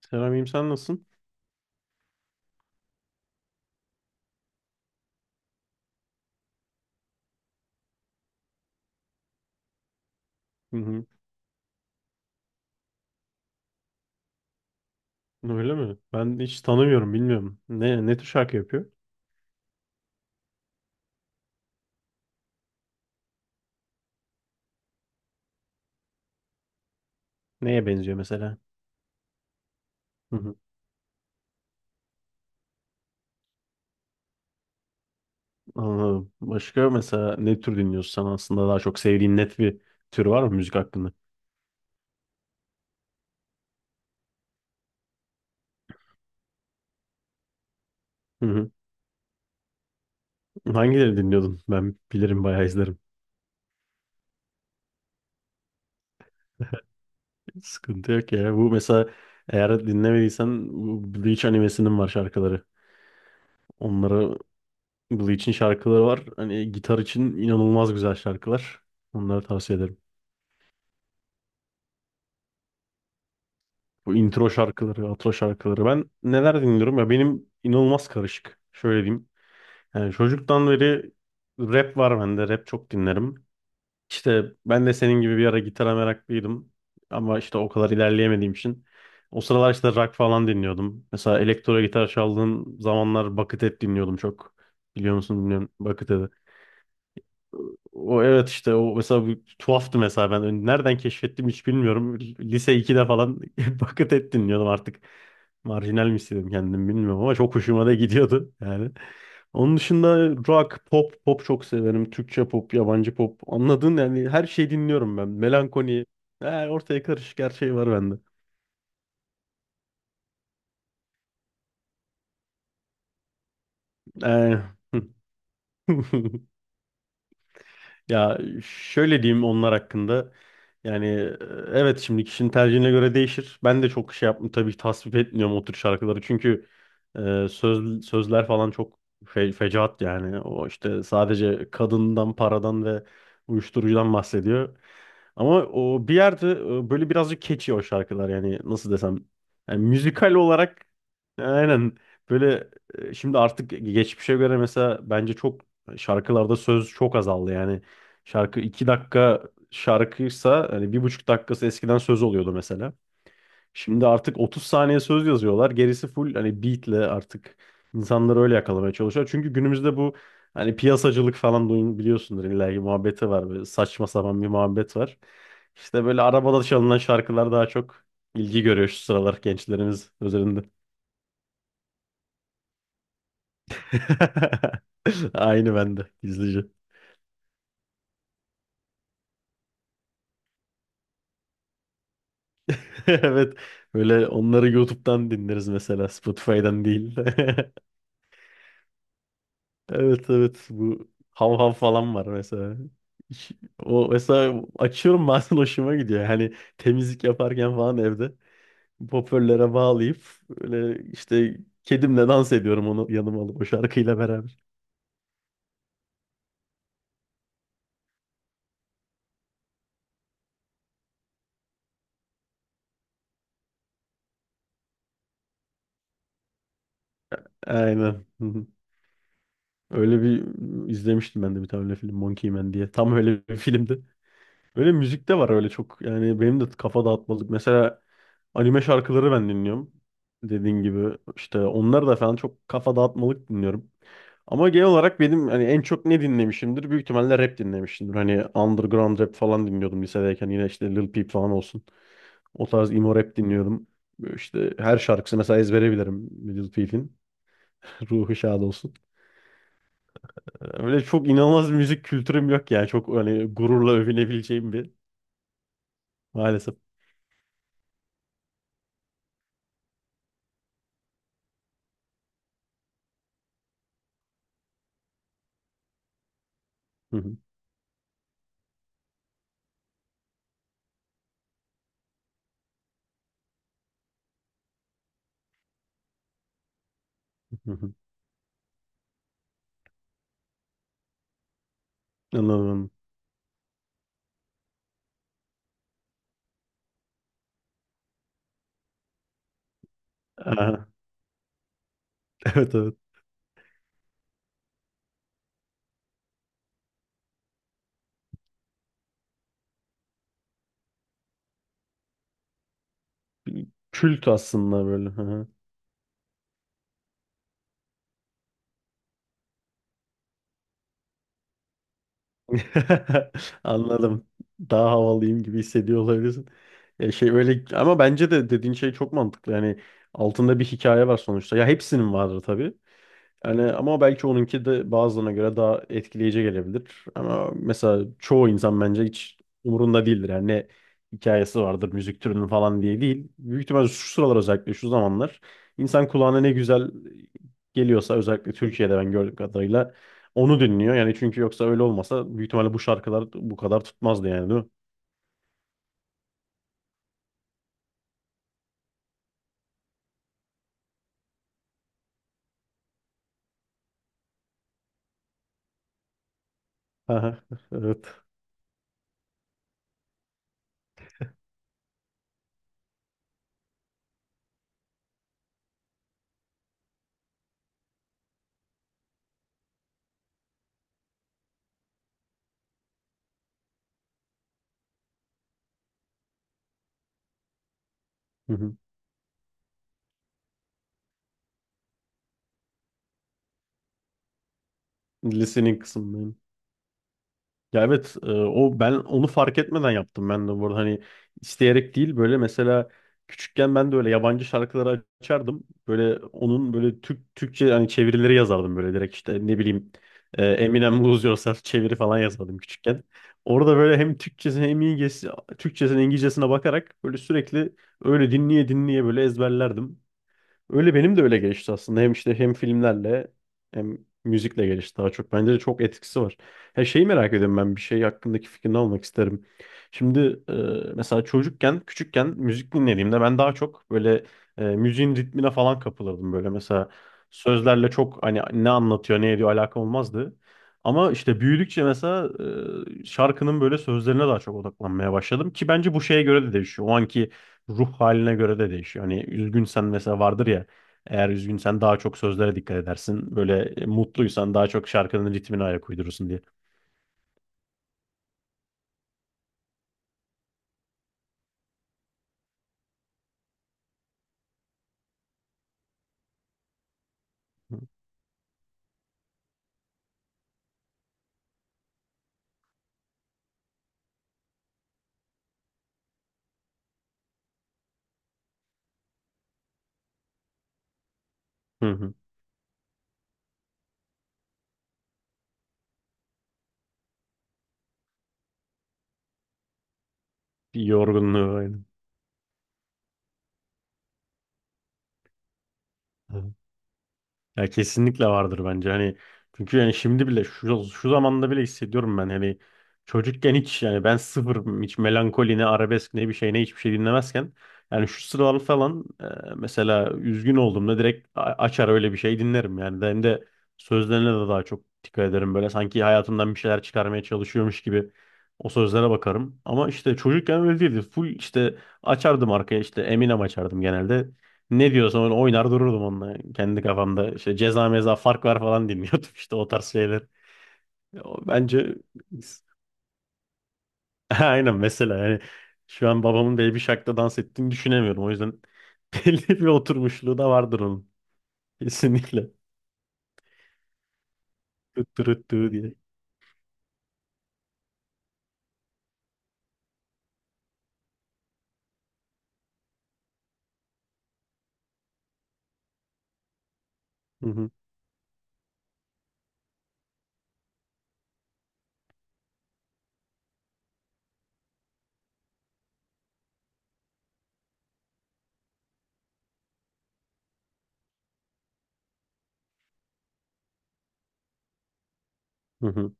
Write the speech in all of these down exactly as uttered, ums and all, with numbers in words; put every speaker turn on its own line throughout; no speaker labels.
Selamim sen nasılsın? Hı hı. Öyle mi? Ben hiç tanımıyorum, bilmiyorum. Ne ne tür şarkı yapıyor? Neye benziyor mesela? Hı hı. Anladım. Başka mesela ne tür dinliyorsun sen aslında daha çok sevdiğin net bir tür var mı müzik hakkında? Hı hı. Hangileri dinliyordun? Ben bilirim bayağı izlerim. Sıkıntı yok ya. Bu mesela eğer dinlemediysen bu Bleach animesinin var şarkıları. Onlara Bleach'in şarkıları var. Hani gitar için inanılmaz güzel şarkılar. Onları tavsiye ederim. Bu intro şarkıları, outro şarkıları. Ben neler dinliyorum ya benim inanılmaz karışık. Şöyle diyeyim. Yani çocuktan beri rap var bende. Rap çok dinlerim. İşte ben de senin gibi bir ara gitara meraklıydım. Ama işte o kadar ilerleyemediğim için. O sıralar işte rock falan dinliyordum. Mesela elektro gitar çaldığım zamanlar Buckethead dinliyordum çok. Biliyor musun bilmiyorum. Buckethead. O evet işte o mesela bu tuhaftı mesela ben nereden keşfettim hiç bilmiyorum. Lise ikide falan Buckethead et dinliyordum artık. Marjinal mi istedim kendim bilmiyorum ama çok hoşuma da gidiyordu yani. Onun dışında rock, pop, pop çok severim. Türkçe pop, yabancı pop. Anladın yani her şeyi dinliyorum ben. Melankoli. Yani ortaya karışık her şey var bende. Ee, Ya şöyle diyeyim onlar hakkında. Yani e, evet şimdi kişinin tercihine göre değişir. Ben de çok şey yapmıyorum tabii ki tasvip etmiyorum o tür şarkıları. Çünkü e, söz, sözler falan çok fe, fecaat yani. O işte sadece kadından, paradan ve uyuşturucudan bahsediyor. Ama o bir yerde e, böyle birazcık keçi o şarkılar yani nasıl desem. Yani müzikal olarak e, aynen böyle e, şimdi artık geçmişe göre mesela bence çok şarkılarda söz çok azaldı yani. Şarkı iki dakika şarkıysa hani bir buçuk dakikası eskiden söz oluyordu mesela. Şimdi artık otuz saniye söz yazıyorlar. Gerisi full hani beatle artık insanları öyle yakalamaya çalışıyor. Çünkü günümüzde bu hani piyasacılık falan duyun biliyorsundur illa ki muhabbeti var. Böyle saçma sapan bir muhabbet var. İşte böyle arabada çalınan şarkılar daha çok ilgi görüyor şu sıralar gençlerimiz üzerinde. Aynı bende gizlice. Evet. Böyle onları YouTube'dan dinleriz mesela Spotify'dan değil. Evet, evet, bu hav hav falan var mesela. Hiç- O mesela açıyorum bazen hoşuma gidiyor. Hani temizlik yaparken falan evde hoparlöre bağlayıp öyle işte kedimle dans ediyorum onu yanıma alıp o şarkıyla beraber. Aynen. Hı hı. Öyle bir izlemiştim ben de bir tane öyle film Monkey Man diye. Tam öyle bir filmdi. Öyle müzik de var öyle çok. Yani benim de kafa dağıtmalık. Mesela anime şarkıları ben dinliyorum. Dediğin gibi işte onlar da falan çok kafa dağıtmalık dinliyorum. Ama genel olarak benim hani en çok ne dinlemişimdir? Büyük ihtimalle rap dinlemişimdir. Hani underground rap falan dinliyordum lisedeyken. Yine işte Lil Peep falan olsun. O tarz emo rap dinliyordum. Böyle İşte her şarkısı mesela ezbere bilirim Lil Peep'in. Ruhu şad olsun. Öyle çok inanılmaz bir müzik kültürüm yok yani. Çok hani gururla övünebileceğim bir maalesef. Anladım. Aha, evet, evet. Kült aslında böyle. Aha. Anladım. Daha havalıyım gibi hissediyor olabilirsin. Ya şey öyle ama bence de dediğin şey çok mantıklı. Yani altında bir hikaye var sonuçta. Ya hepsinin vardır tabii. Yani ama belki onunki de bazılarına göre daha etkileyici gelebilir. Ama mesela çoğu insan bence hiç umurunda değildir. Yani ne hikayesi vardır müzik türünün falan diye değil. Büyük ihtimalle şu sıralar özellikle şu zamanlar insan kulağına ne güzel geliyorsa özellikle Türkiye'de ben gördüğüm kadarıyla onu dinliyor. Yani çünkü yoksa öyle olmasa büyük ihtimalle bu şarkılar bu kadar tutmazdı yani değil mi? Aha, evet. Hı hı. Listening kısmındayım. Ya evet e, o ben onu fark etmeden yaptım ben de burada hani isteyerek değil böyle mesela küçükken ben de öyle yabancı şarkıları açardım. Böyle onun böyle Türk Türkçe hani çevirileri yazardım böyle direkt işte ne bileyim e, Eminem Lose Yourself çeviri falan yazardım küçükken. Orada böyle hem Türkçesine hem İngilizcesi, Türkçesine İngilizcesine bakarak böyle sürekli öyle dinleye dinleye böyle ezberlerdim. Öyle benim de öyle gelişti aslında. Hem işte hem filmlerle hem müzikle gelişti daha çok. Bence de çok etkisi var. Her şeyi merak ediyorum ben bir şey hakkındaki fikrini almak isterim. Şimdi e, mesela çocukken, küçükken müzik dinlediğimde ben daha çok böyle e, müziğin ritmine falan kapılırdım. Böyle mesela sözlerle çok hani ne anlatıyor, ne ediyor alakam olmazdı. Ama işte büyüdükçe mesela e, şarkının böyle sözlerine daha çok odaklanmaya başladım ki bence bu şeye göre de değişiyor. O anki ruh haline göre de değişiyor. Hani üzgünsen mesela vardır ya eğer üzgünsen daha çok sözlere dikkat edersin. Böyle e, mutluysan daha çok şarkının ritmine ayak uydurursun diye. Hı hı. Bir yorgunluğu aynen. Ya kesinlikle vardır bence hani çünkü yani şimdi bile şu, şu zamanda bile hissediyorum ben hani çocukken hiç yani ben sıfır hiç melankoli ne arabesk ne bir şey ne hiçbir şey dinlemezken yani şu sıralar falan e, mesela üzgün olduğumda direkt a- açar öyle bir şey dinlerim yani hem de sözlerine de daha çok dikkat ederim böyle sanki hayatımdan bir şeyler çıkarmaya çalışıyormuş gibi o sözlere bakarım ama işte çocukken öyle değildi full işte açardım arkaya işte Eminem açardım genelde ne diyorsa onu oynar dururdum onunla kendi kafamda. İşte ceza meza fark var falan dinliyordum işte o tarz şeyler. O bence aynen mesela yani şu an babamın Baby Shark'ta dans ettiğini düşünemiyorum. O yüzden belli bir oturmuşluğu da vardır onun. Kesinlikle. Tut tut tut diye. Hı hı. Hı hı.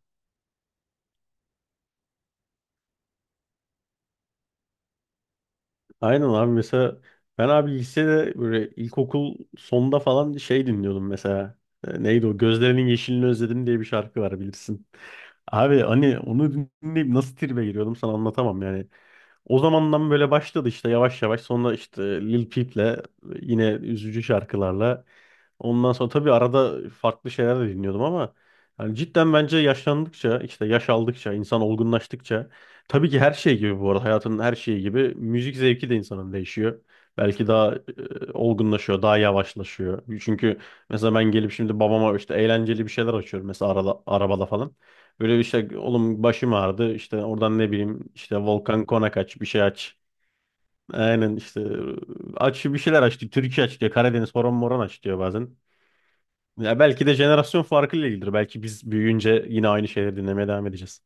Aynen abi mesela ben abi lisede böyle ilkokul sonda falan şey dinliyordum mesela. E, Neydi o? Gözlerinin Yeşilini Özledim diye bir şarkı var bilirsin. Abi hani onu dinleyip nasıl tribe giriyordum sana anlatamam yani. O zamandan böyle başladı işte yavaş yavaş sonra işte Lil Peep'le yine üzücü şarkılarla. Ondan sonra tabii arada farklı şeyler de dinliyordum ama yani cidden bence yaşlandıkça işte yaş aldıkça insan olgunlaştıkça tabii ki her şey gibi bu arada hayatın her şeyi gibi müzik zevki de insanın değişiyor. Belki daha e, olgunlaşıyor, daha yavaşlaşıyor. Çünkü mesela ben gelip şimdi babama işte eğlenceli bir şeyler açıyorum mesela arada, arabada falan. Böyle bir şey oğlum başım ağrıdı işte oradan ne bileyim işte Volkan Konak aç bir şey aç. Aynen işte aç bir şeyler aç diyor. Türkiye aç diyor. Karadeniz horon moron aç diyor bazen. Ya belki de jenerasyon farkıyla ilgilidir. Belki biz büyüyünce yine aynı şeyleri dinlemeye devam edeceğiz.